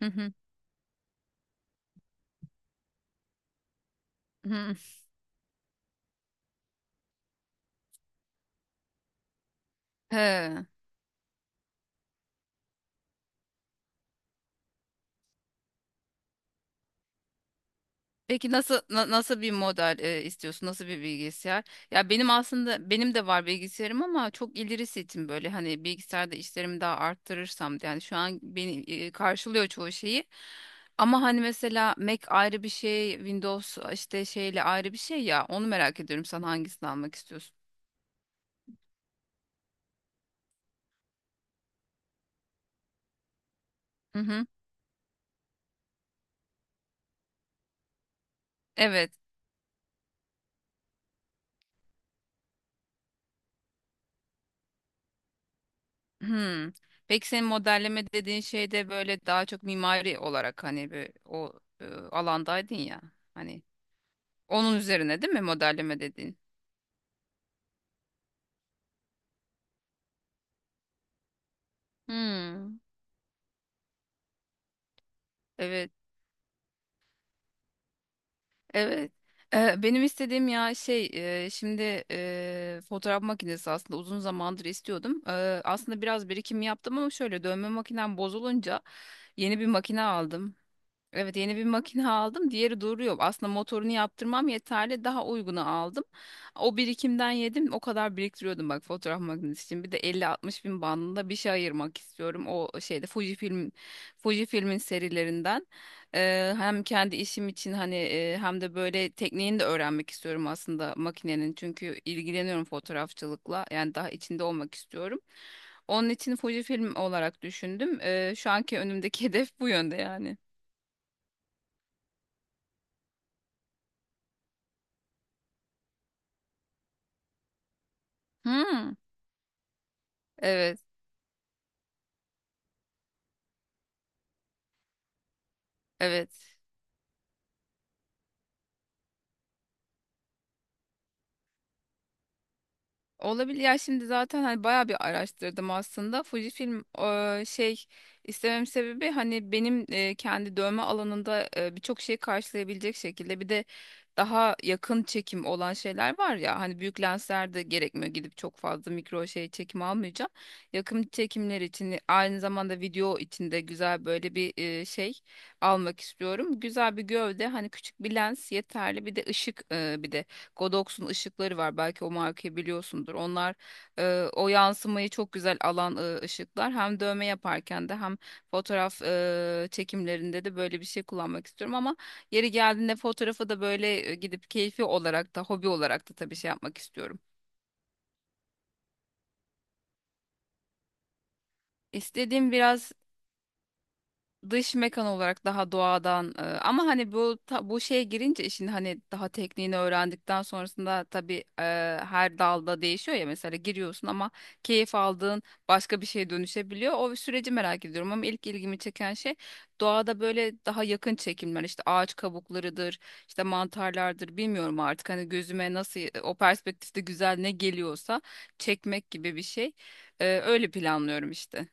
Hı hı. Hı. He. Peki nasıl nasıl bir model istiyorsun? Nasıl bir bilgisayar? Ya benim aslında benim de var bilgisayarım, ama çok ileri setim böyle hani bilgisayarda işlerimi daha arttırırsam. Yani şu an beni karşılıyor çoğu şeyi. Ama hani mesela Mac ayrı bir şey, Windows işte şeyle ayrı bir şey ya. Onu merak ediyorum. Sen hangisini almak istiyorsun? Hı hı. Evet. Hmm. Peki senin modelleme dediğin şey de böyle daha çok mimari olarak, hani bir o alandaydın ya. Hani onun üzerine değil mi modelleme dediğin? Hmm. Evet, evet. Benim istediğim ya şey şimdi fotoğraf makinesi aslında uzun zamandır istiyordum. Aslında biraz birikim yaptım, ama şöyle dövme makinem bozulunca yeni bir makine aldım. Evet, yeni bir makine aldım. Diğeri duruyor. Aslında motorunu yaptırmam yeterli. Daha uygunu aldım. O birikimden yedim. O kadar biriktiriyordum, bak, fotoğraf makinesi için. Bir de 50-60 bin bandında bir şey ayırmak istiyorum. O şeyde Fuji film, Fuji filmin serilerinden. Hem kendi işim için, hani hem de böyle tekniğini de öğrenmek istiyorum aslında makinenin. Çünkü ilgileniyorum fotoğrafçılıkla. Yani daha içinde olmak istiyorum. Onun için Fuji film olarak düşündüm. Şu anki önümdeki hedef bu yönde yani. Hmm, evet, evet. Olabilir. Ya şimdi zaten hani bayağı bir araştırdım aslında. Fujifilm şey istemem sebebi, hani benim kendi dövme alanında birçok şeyi karşılayabilecek şekilde. Bir de daha yakın çekim olan şeyler var ya, hani büyük lensler de gerekmiyor, gidip çok fazla mikro şey çekim almayacağım. Yakın çekimler için, aynı zamanda video için de güzel böyle bir şey almak istiyorum. Güzel bir gövde, hani küçük bir lens yeterli, bir de ışık bir de. Godox'un ışıkları var. Belki o markayı biliyorsundur. Onlar o yansımayı çok güzel alan ışıklar. Hem dövme yaparken de, hem fotoğraf çekimlerinde de böyle bir şey kullanmak istiyorum, ama yeri geldiğinde fotoğrafı da böyle gidip keyfi olarak da, hobi olarak da tabii şey yapmak istiyorum. İstediğim biraz dış mekan olarak, daha doğadan ama hani bu bu şeye girince, işin hani daha tekniğini öğrendikten sonrasında tabii her dalda değişiyor ya. Mesela giriyorsun, ama keyif aldığın başka bir şeye dönüşebiliyor. O süreci merak ediyorum, ama ilk ilgimi çeken şey doğada böyle daha yakın çekimler, işte ağaç kabuklarıdır, işte mantarlardır, bilmiyorum artık hani gözüme nasıl o perspektifte güzel ne geliyorsa çekmek gibi bir şey. Öyle planlıyorum işte.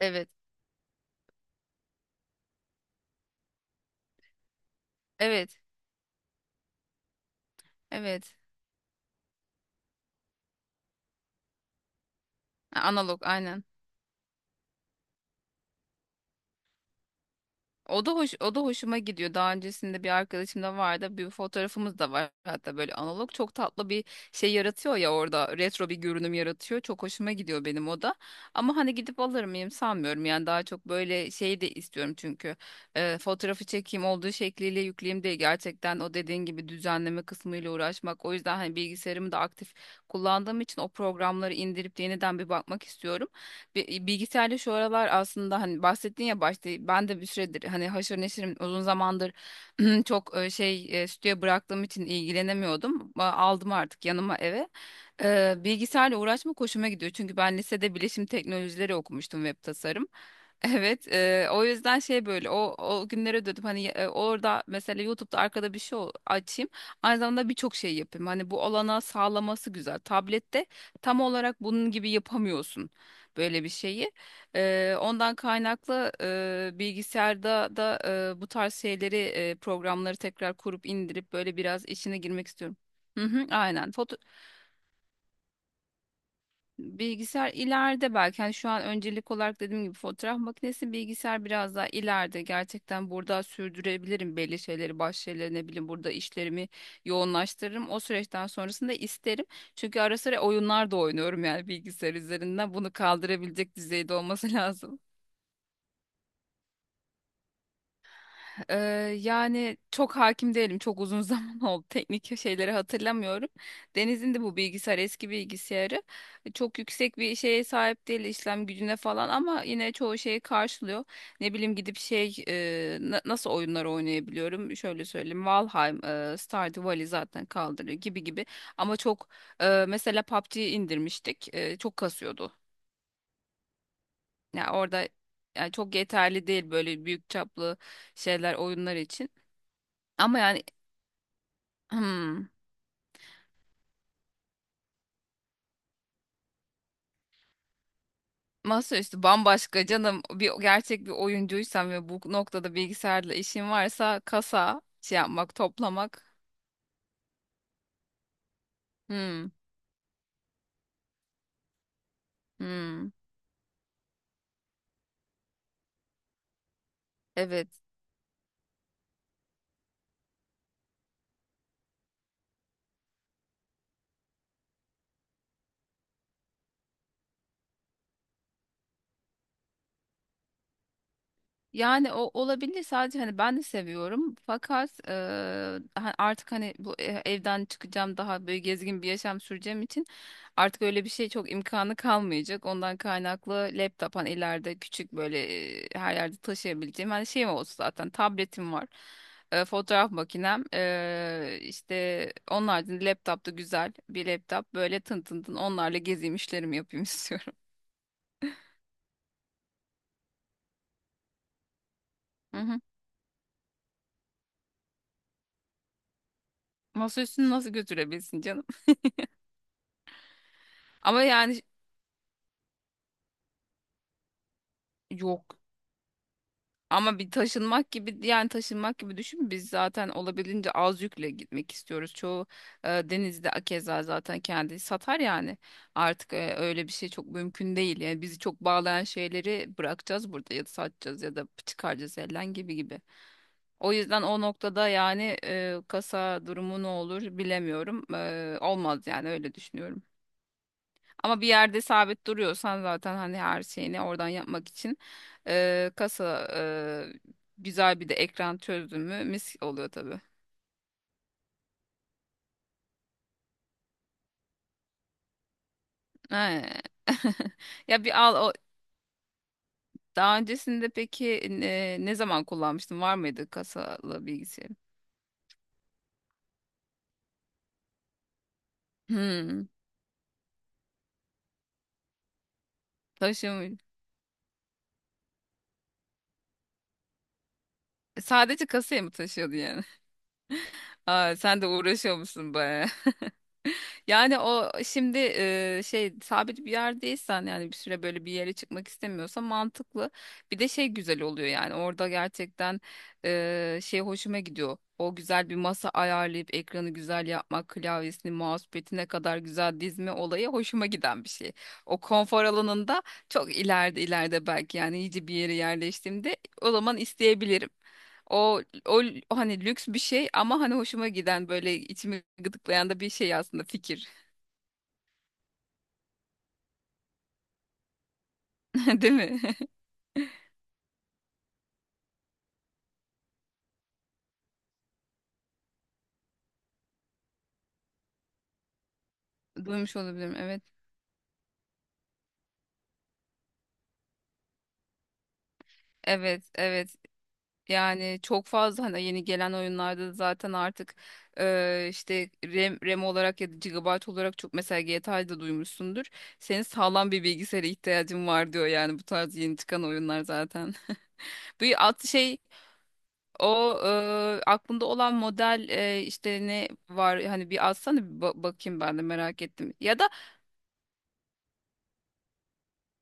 Evet. Evet. Evet. Ha, analog aynen. O da hoş, o da hoşuma gidiyor. Daha öncesinde bir arkadaşım da vardı. Bir fotoğrafımız da var. Hatta böyle analog çok tatlı bir şey yaratıyor ya orada. Retro bir görünüm yaratıyor. Çok hoşuma gidiyor benim o da. Ama hani gidip alır mıyım, sanmıyorum. Yani daha çok böyle şey de istiyorum çünkü. Fotoğrafı çekeyim olduğu şekliyle, yükleyeyim diye gerçekten, o dediğin gibi düzenleme kısmıyla uğraşmak. O yüzden hani bilgisayarımı da aktif kullandığım için, o programları indirip yeniden bir bakmak istiyorum. Bilgisayarda şu aralar aslında, hani bahsettin ya başta, ben de bir süredir hani haşır neşirim uzun zamandır. Çok şey stüdyo bıraktığım için ilgilenemiyordum. Aldım artık yanıma eve. Bilgisayarla uğraşmak hoşuma gidiyor, çünkü ben lisede bilişim teknolojileri okumuştum, web tasarım. Evet, o yüzden şey böyle o o günlere dönüp, hani orada mesela YouTube'da arkada bir şey açayım. Aynı zamanda birçok şey yapayım. Hani bu olanağı sağlaması güzel. Tablette tam olarak bunun gibi yapamıyorsun böyle bir şeyi. Ondan kaynaklı, bilgisayarda da, bu tarz şeyleri, programları tekrar kurup indirip böyle biraz içine girmek istiyorum. Hı hı, aynen. Bilgisayar ileride belki, hani şu an öncelik olarak dediğim gibi fotoğraf makinesi, bilgisayar biraz daha ileride. Gerçekten burada sürdürebilirim belli şeyleri, baş şeyleri, ne bileyim, burada işlerimi yoğunlaştırırım. O süreçten sonrasında isterim. Çünkü ara sıra oyunlar da oynuyorum yani bilgisayar üzerinden. Bunu kaldırabilecek düzeyde olması lazım. Ee, yani çok hakim değilim. Çok uzun zaman oldu. Teknik şeyleri hatırlamıyorum. Deniz'in de bu bilgisayar, eski bilgisayarı. Çok yüksek bir şeye sahip değil işlem gücüne falan, ama yine çoğu şeyi karşılıyor. Ne bileyim gidip şey, nasıl oyunlar oynayabiliyorum? Şöyle söyleyeyim. Valheim, Stardew Valley zaten kaldırıyor gibi gibi. Ama çok mesela PUBG'yi indirmiştik. Çok kasıyordu. Yani orada yani çok yeterli değil böyle büyük çaplı şeyler, oyunlar için. Ama yani. Hmm. Masaüstü bambaşka canım. Bir gerçek bir oyuncuysan ve bu noktada bilgisayarla işin varsa, kasa şey yapmak, toplamak. Hmm. Hmm. Evet. Yani o olabilir sadece, hani ben de seviyorum, fakat artık hani bu evden çıkacağım, daha böyle gezgin bir yaşam süreceğim için artık öyle bir şey çok imkanı kalmayacak. Ondan kaynaklı laptop, hani ileride küçük böyle her yerde taşıyabileceğim hani şeyim olsun, zaten tabletim var. Fotoğraf makinem işte onun haricinde laptop da, güzel bir laptop böyle, tın tın tın onlarla gezeyim, işlerimi yapayım istiyorum. Hı hı. Masaüstünü nasıl götürebilsin canım? Ama yani. Yok. Ama bir taşınmak gibi, yani taşınmak gibi düşün. Biz zaten olabildiğince az yükle gitmek istiyoruz. Çoğu denizde akeza zaten kendi satar yani. Artık öyle bir şey çok mümkün değil. Yani bizi çok bağlayan şeyleri bırakacağız burada, ya da satacağız, ya da çıkaracağız elden gibi gibi. O yüzden o noktada yani, kasa durumu ne olur bilemiyorum. Olmaz yani, öyle düşünüyorum. Ama bir yerde sabit duruyorsan, zaten hani her şeyini oradan yapmak için, kasa, güzel, bir de ekran çözdün mü mis oluyor tabii. Ee, Ya bir al o, daha öncesinde peki ne zaman kullanmıştın? Var mıydı kasalı bilgisayar? Hmm, taşıyor muydu? Sadece kasaya mı taşıyordu yani? Aa, sen de uğraşıyormuşsun musun? Yani o şimdi şey sabit bir yerdeysen, yani bir süre böyle bir yere çıkmak istemiyorsa mantıklı. Bir de şey güzel oluyor yani, orada gerçekten şey hoşuma gidiyor. O güzel bir masa ayarlayıp ekranı güzel yapmak, klavyesini, mousepad'ine kadar güzel dizme olayı hoşuma giden bir şey. O konfor alanında çok ileride ileride belki, yani iyice bir yere yerleştiğimde o zaman isteyebilirim. O o hani lüks bir şey, ama hani hoşuma giden böyle içimi gıdıklayan da bir şey aslında fikir. Değil mi? Duymuş olabilirim. Evet. Evet, evet. Yani çok fazla hani yeni gelen oyunlarda da zaten artık işte RAM olarak ya da gigabyte olarak, çok mesela GTA'yı da duymuşsundur. Senin sağlam bir bilgisayara ihtiyacın var diyor yani, bu tarz yeni çıkan oyunlar zaten. Bu at şey. O aklında olan model, işte ne var hani, bir alsana bir bakayım, ben de merak ettim. Ya da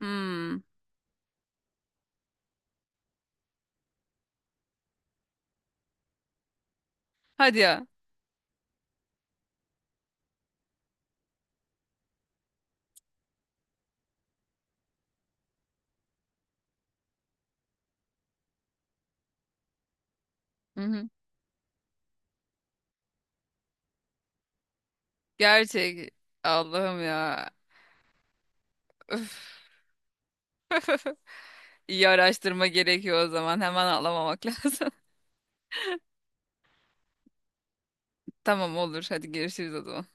hmm, hadi ya. Hı hı. Gerçek. Allah'ım ya. Öf, iyi araştırma gerekiyor o zaman. Hemen ağlamamak lazım. Tamam, olur. Hadi görüşürüz o zaman.